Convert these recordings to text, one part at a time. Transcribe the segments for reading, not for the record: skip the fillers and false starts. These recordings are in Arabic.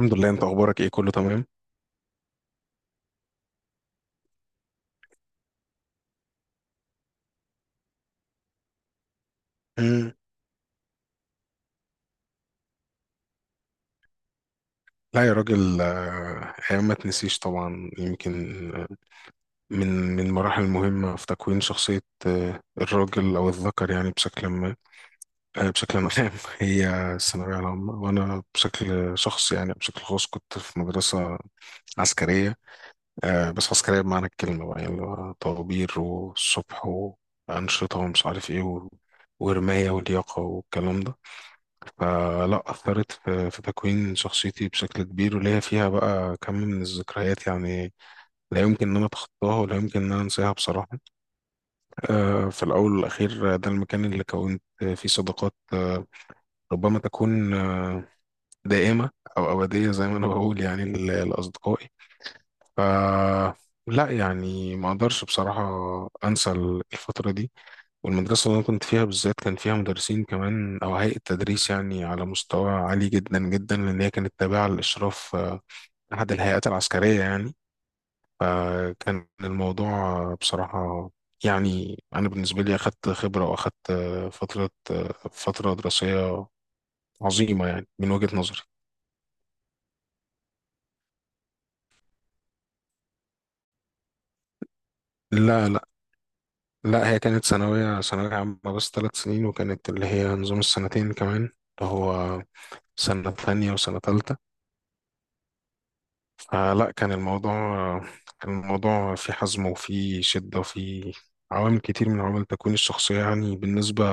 الحمد لله، انت اخبارك ايه؟ كله تمام. مم. لا يا راجل، ايام ما تنسيش طبعا. يمكن آه، من المراحل المهمه في تكوين شخصيه الراجل او الذكر، يعني بشكل ما، بشكل عام، هي الثانويه العامه. وانا بشكل شخص، يعني بشكل خاص، كنت في مدرسه عسكريه. بس عسكريه بمعنى الكلمه بقى، يعني اللي هو طوابير والصبح وانشطه ومش عارف ايه ورمايه ولياقه والكلام ده. فلا، أثرت في تكوين شخصيتي بشكل كبير، وليا فيها بقى كم من الذكريات، يعني لا يمكن إن أنا أتخطاها، ولا يمكن إن أنا أنساها بصراحة. في الأول والأخير، ده المكان اللي كونت فيه صداقات ربما تكون دائمة أو أبدية، زي ما أنا بقول يعني لأصدقائي. ف لا يعني، ما أقدرش بصراحة أنسى الفترة دي. والمدرسة اللي أنا كنت فيها بالذات كان فيها مدرسين كمان، أو هيئة تدريس يعني على مستوى عالي جدا جدا، لأن هي كانت تابعة للإشراف، أحد الهيئات العسكرية يعني. فكان الموضوع بصراحة يعني، أنا بالنسبة لي أخدت خبرة، وأخدت فترة دراسية عظيمة يعني، من وجهة نظري. لا، لا، هي كانت ثانوية عامة بس، ثلاث سنين، وكانت اللي هي نظام السنتين كمان، اللي هو سنة ثانية وسنة تالتة. فلا، كان الموضوع فيه حزم وفيه شدة وفيه عوامل كتير من عوامل تكوين الشخصية، يعني بالنسبة،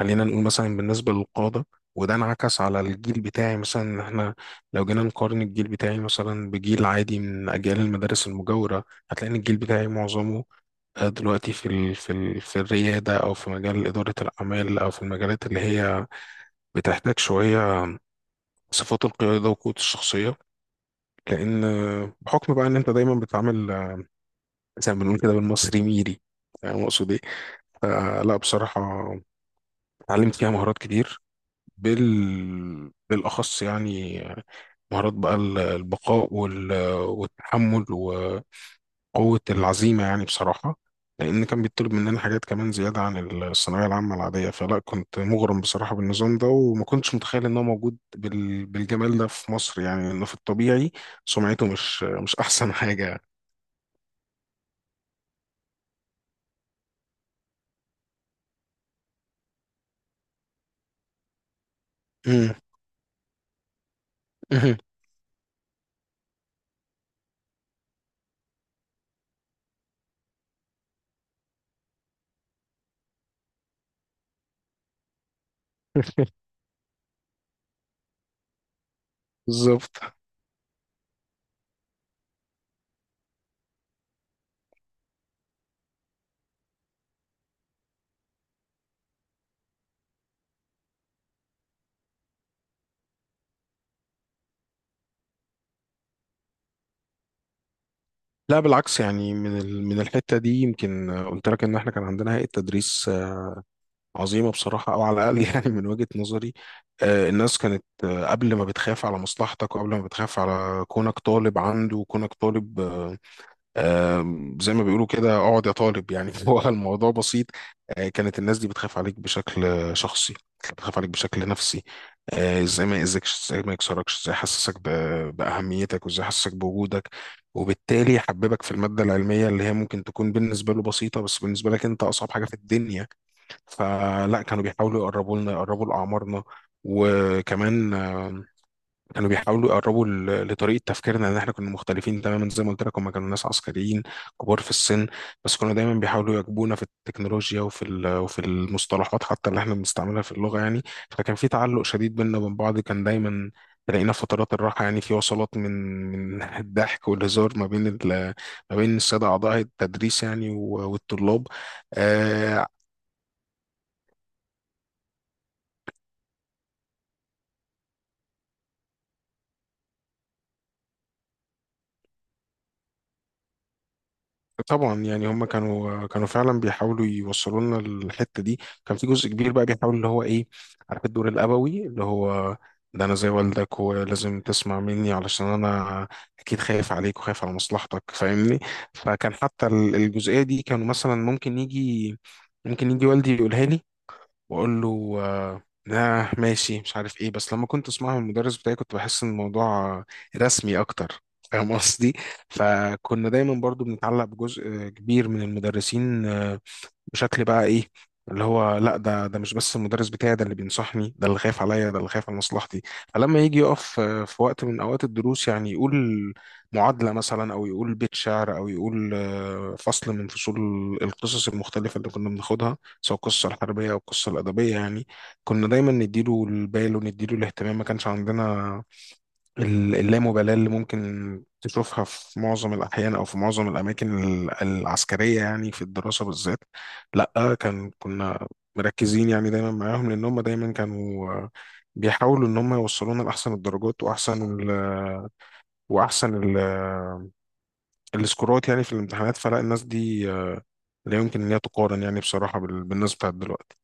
خلينا نقول مثلا بالنسبة للقادة. وده انعكس على الجيل بتاعي مثلا، ان احنا لو جينا نقارن الجيل بتاعي مثلا بجيل عادي من اجيال المدارس المجاورة، هتلاقي ان الجيل بتاعي معظمه دلوقتي في الريادة، او في مجال إدارة الأعمال، او في المجالات اللي هي بتحتاج شوية صفات القيادة وقوة الشخصية. لان بحكم بقى ان انت دايما بتتعامل، زي ما بنقول كده، بالمصري ميري، فاهم اقصد ايه. فلا بصراحه، اتعلمت فيها مهارات كتير، بالاخص يعني مهارات بقى البقاء والتحمل وقوه العزيمه، يعني بصراحه، لان كان بيطلب مننا حاجات كمان، زياده عن الثانويه العامه العاديه. فلا، كنت مغرم بصراحه بالنظام ده، وما كنتش متخيل ان هو موجود بالجمال ده في مصر، يعني لأنه في الطبيعي سمعته مش احسن حاجه. مهم. بالظبط. لا بالعكس، يعني من من الحته دي، يمكن قلت لك ان احنا كان عندنا هيئه تدريس عظيمه بصراحه، او على الاقل يعني من وجهه نظري. الناس كانت قبل ما بتخاف على مصلحتك، وقبل ما بتخاف على كونك طالب عنده، وكونك طالب زي ما بيقولوا كده، اقعد يا طالب يعني، هو الموضوع بسيط. كانت الناس دي بتخاف عليك بشكل شخصي، كانت بتخاف عليك بشكل نفسي. ازاي ما يأذكش، ازاي ما يكسركش، ازاي يحسسك بأهميتك، وازاي يحسسك بوجودك، وبالتالي يحببك في المادة العلمية اللي هي ممكن تكون بالنسبة له بسيطة، بس بالنسبة لك انت أصعب حاجة في الدنيا. فلا، كانوا بيحاولوا يقربوا لنا، يقربوا لأعمارنا، وكمان كانوا بيحاولوا يقربوا لطريقة تفكيرنا، لأن إحنا كنا مختلفين تماما. زي ما قلت لك، هما كانوا ناس عسكريين كبار في السن، بس كانوا دايما بيحاولوا يواكبونا في التكنولوجيا، وفي المصطلحات حتى اللي إحنا بنستعملها في اللغة يعني. فكان في تعلق شديد بيننا وبين بعض، كان دايما تلاقينا في فترات الراحة يعني، في وصلات من الضحك والهزار ما بين ما بين السادة أعضاء التدريس يعني، والطلاب. آه. طبعا يعني، هم كانوا فعلا بيحاولوا يوصلوا لنا الحته دي. كان في جزء كبير بقى بيحاول اللي هو ايه، عارف الدور الابوي اللي هو ده، انا زي والدك، ولازم تسمع مني علشان انا اكيد خايف عليك وخايف على مصلحتك، فاهمني. فكان حتى الجزئيه دي، كانوا مثلا ممكن يجي والدي يقولها لي، واقول له آه، ماشي، مش عارف ايه. بس لما كنت اسمعها من المدرس بتاعي، كنت بحس ان الموضوع رسمي اكتر، فاهم قصدي. فكنا دايما برضو بنتعلق بجزء كبير من المدرسين بشكل بقى ايه، اللي هو لا، ده مش بس المدرس بتاعي، ده اللي بينصحني، ده اللي خايف عليا، ده اللي خايف على مصلحتي. فلما يجي يقف في وقت من اوقات الدروس، يعني يقول معادله مثلا، او يقول بيت شعر، او يقول فصل من فصول القصص المختلفه اللي كنا بناخدها، سواء القصه الحربيه او القصه الادبيه يعني، كنا دايما نديله البال ونديله الاهتمام. ما كانش عندنا اللامبالاة اللي ممكن تشوفها في معظم الأحيان، أو في معظم الأماكن العسكرية، يعني في الدراسة بالذات. لأ، كنا مركزين يعني دايما معاهم، لأن هم دايما كانوا بيحاولوا إن هم يوصلونا لأحسن الدرجات، وأحسن ال السكورات يعني في الامتحانات. فلا، الناس دي لا يمكن إن هي تقارن يعني بصراحة بالناس بتاعت دلوقتي.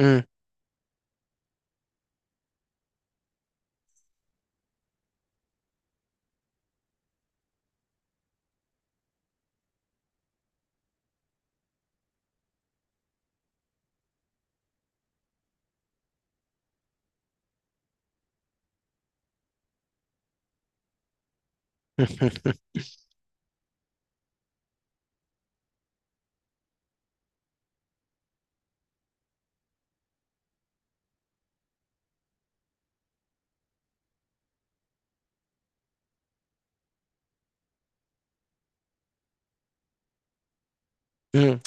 مم. مم.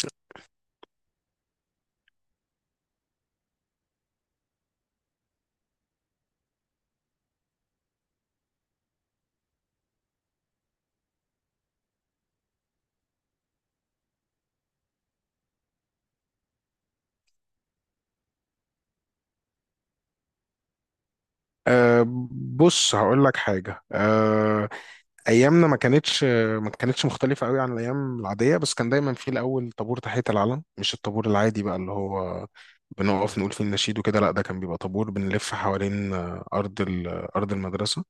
أه، بص، هقول لك حاجة. أه، ايامنا ما كانتش مختلفه قوي عن الايام العاديه، بس كان دايما في الاول طابور تحيه العلم، مش الطابور العادي بقى اللي هو بنقف نقول فيه النشيد وكده. لا، ده كان بيبقى طابور بنلف حوالين ارض ارض المدرسه،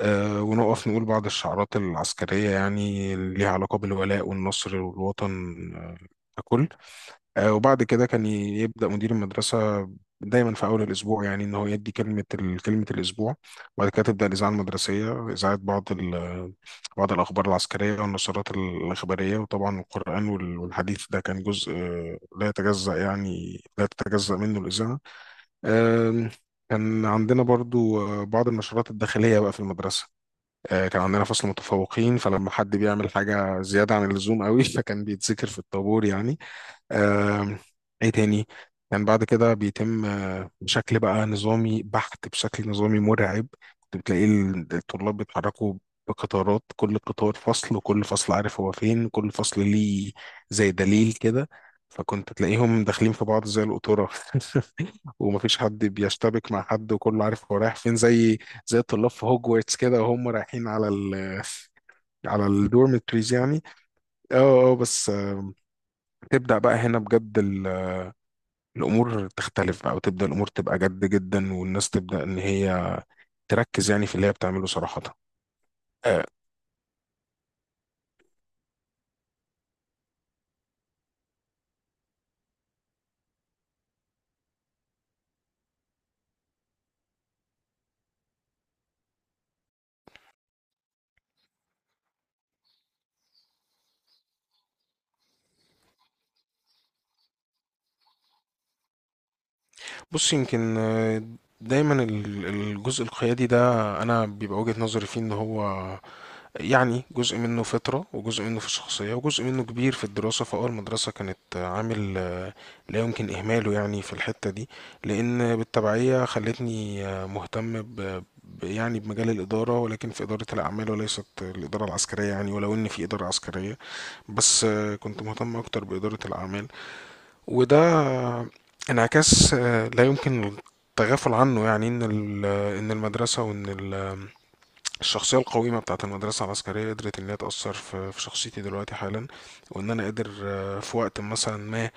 ونقف نقول بعض الشعارات العسكريه، يعني اللي ليها علاقه بالولاء والنصر والوطن آه، ككل. وبعد كده كان يبدأ مدير المدرسة دايما في أول الأسبوع يعني، إن هو يدي كلمة كلمة الأسبوع. وبعد كده تبدأ الإذاعة المدرسية، إذاعة بعض بعض الأخبار العسكرية والنشرات الإخبارية، وطبعا القرآن والحديث، ده كان جزء لا يتجزأ، يعني لا تتجزأ منه الإذاعة. آم، كان عندنا برضو بعض النشرات الداخلية بقى في المدرسة. كان عندنا فصل متفوقين، فلما حد بيعمل حاجة زيادة عن اللزوم قوي، فكان بيتذكر في الطابور يعني. آم، ايه تاني؟ كان بعد كده بيتم بشكل بقى نظامي بحت، بشكل نظامي مرعب. كنت بتلاقي الطلاب بيتحركوا بقطارات، كل قطار فصل، وكل فصل عارف هو فين، كل فصل ليه زي دليل كده. فكنت تلاقيهم داخلين في بعض زي القطورة، ومفيش حد بيشتبك مع حد، وكله عارف هو رايح فين، زي الطلاب في هوجورتس كده، وهم رايحين على ال، على الدورمتريز يعني. اه. اه، بس تبدأ بقى هنا بجد الامور تختلف بقى، وتبدا الامور تبقى جد جدا، والناس تبدا ان هي تركز يعني في اللي هي بتعمله صراحه. آه، بص، يمكن دايما الجزء القيادي ده، انا بيبقى وجهة نظري فيه ان هو يعني جزء منه فطرة، وجزء منه في الشخصية، وجزء منه كبير في الدراسة. فأول المدرسة كانت عامل لا يمكن إهماله يعني في الحتة دي، لأن بالتبعية خلتني مهتم يعني بمجال الإدارة، ولكن في إدارة الأعمال وليست الإدارة العسكرية يعني، ولو إن في إدارة عسكرية. بس كنت مهتم أكتر بإدارة الأعمال. وده انعكاس لا يمكن التغافل عنه، يعني إن إن المدرسة الشخصية القويمة بتاعة المدرسة العسكرية قدرت إن هي تأثر في شخصيتي دلوقتي حالا. وإن أنا قادر في وقت مثلا ما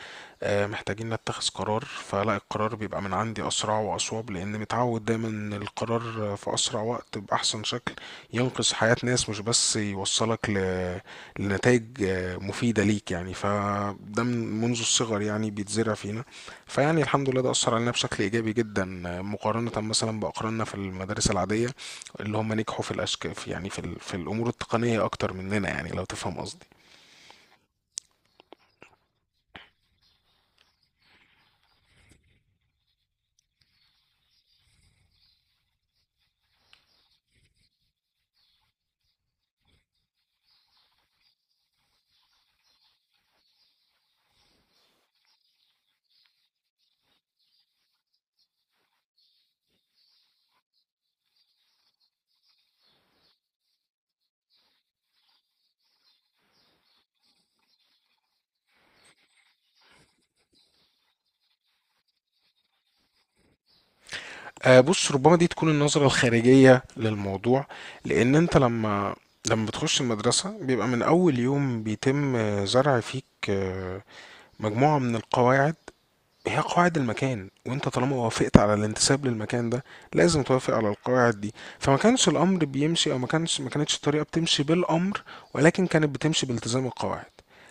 محتاجين نتخذ قرار، فلا القرار بيبقى من عندي أسرع وأصوب، لأن متعود دايما إن القرار في أسرع وقت بأحسن شكل ينقذ حياة ناس، مش بس يوصلك لنتائج مفيدة ليك يعني. فده من منذ الصغر يعني بيتزرع فينا. فيعني الحمد لله، ده أثر علينا بشكل إيجابي جدا، مقارنة مثلا بأقراننا في المدارس العادية، اللي هم نجحوا في الأشك في يعني في, ال... في الأمور التقنية أكتر مننا، يعني لو تفهم قصدي. آه، بص، ربما دي تكون النظرة الخارجية للموضوع. لأن أنت لما بتخش المدرسة، بيبقى من أول يوم بيتم زرع فيك آه، مجموعة من القواعد. هي قواعد المكان، وانت طالما وافقت على الانتساب للمكان ده، لازم توافق على القواعد دي. فما كانش الامر بيمشي، او ما كانتش الطريقه بتمشي بالامر، ولكن كانت بتمشي بالتزام القواعد.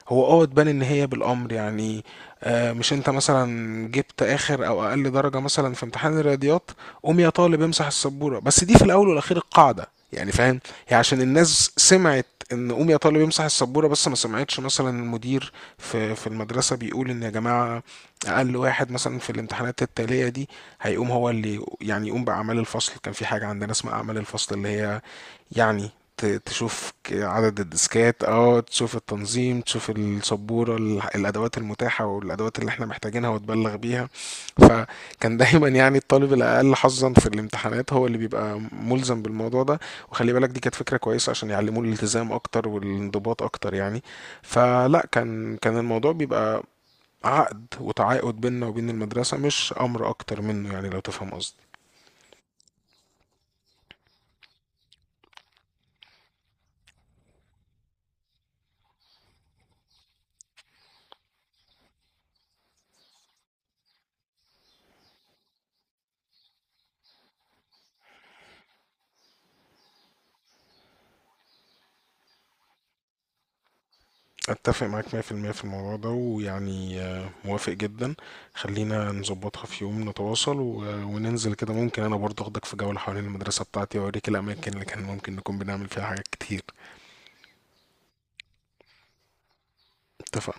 هو اه تبان ان هي بالامر يعني. مش انت مثلا جبت اخر او اقل درجه مثلا في امتحان الرياضيات، قوم يا طالب امسح السبوره، بس دي في الاول والاخير القاعده. يعني فاهم، هي عشان الناس سمعت ان قوم يا طالب امسح السبوره، بس ما سمعتش مثلا المدير في المدرسه بيقول ان يا جماعه، اقل واحد مثلا في الامتحانات التاليه دي هيقوم هو اللي يعني يقوم باعمال الفصل. كان في حاجه عندنا اسمها اعمال الفصل، اللي هي يعني، تشوف عدد الديسكات، اه تشوف التنظيم، تشوف السبوره الادوات المتاحه والادوات اللي احنا محتاجينها، وتبلغ بيها. فكان دايما يعني الطالب الاقل حظا في الامتحانات هو اللي بيبقى ملزم بالموضوع ده. وخلي بالك، دي كانت فكره كويسه عشان يعلموه الالتزام اكتر والانضباط اكتر يعني. فلا، كان الموضوع بيبقى عقد وتعاقد بيننا وبين المدرسة، مش أمر أكتر منه، يعني لو تفهم قصدي. أتفق معاك 100% في المية في الموضوع ده، ويعني موافق جدا. خلينا نظبطها في يوم، نتواصل وننزل كده، ممكن أنا برضه أخدك في جولة حوالين المدرسة بتاعتي، وأوريك الأماكن اللي كان ممكن نكون بنعمل فيها حاجات كتير. اتفق.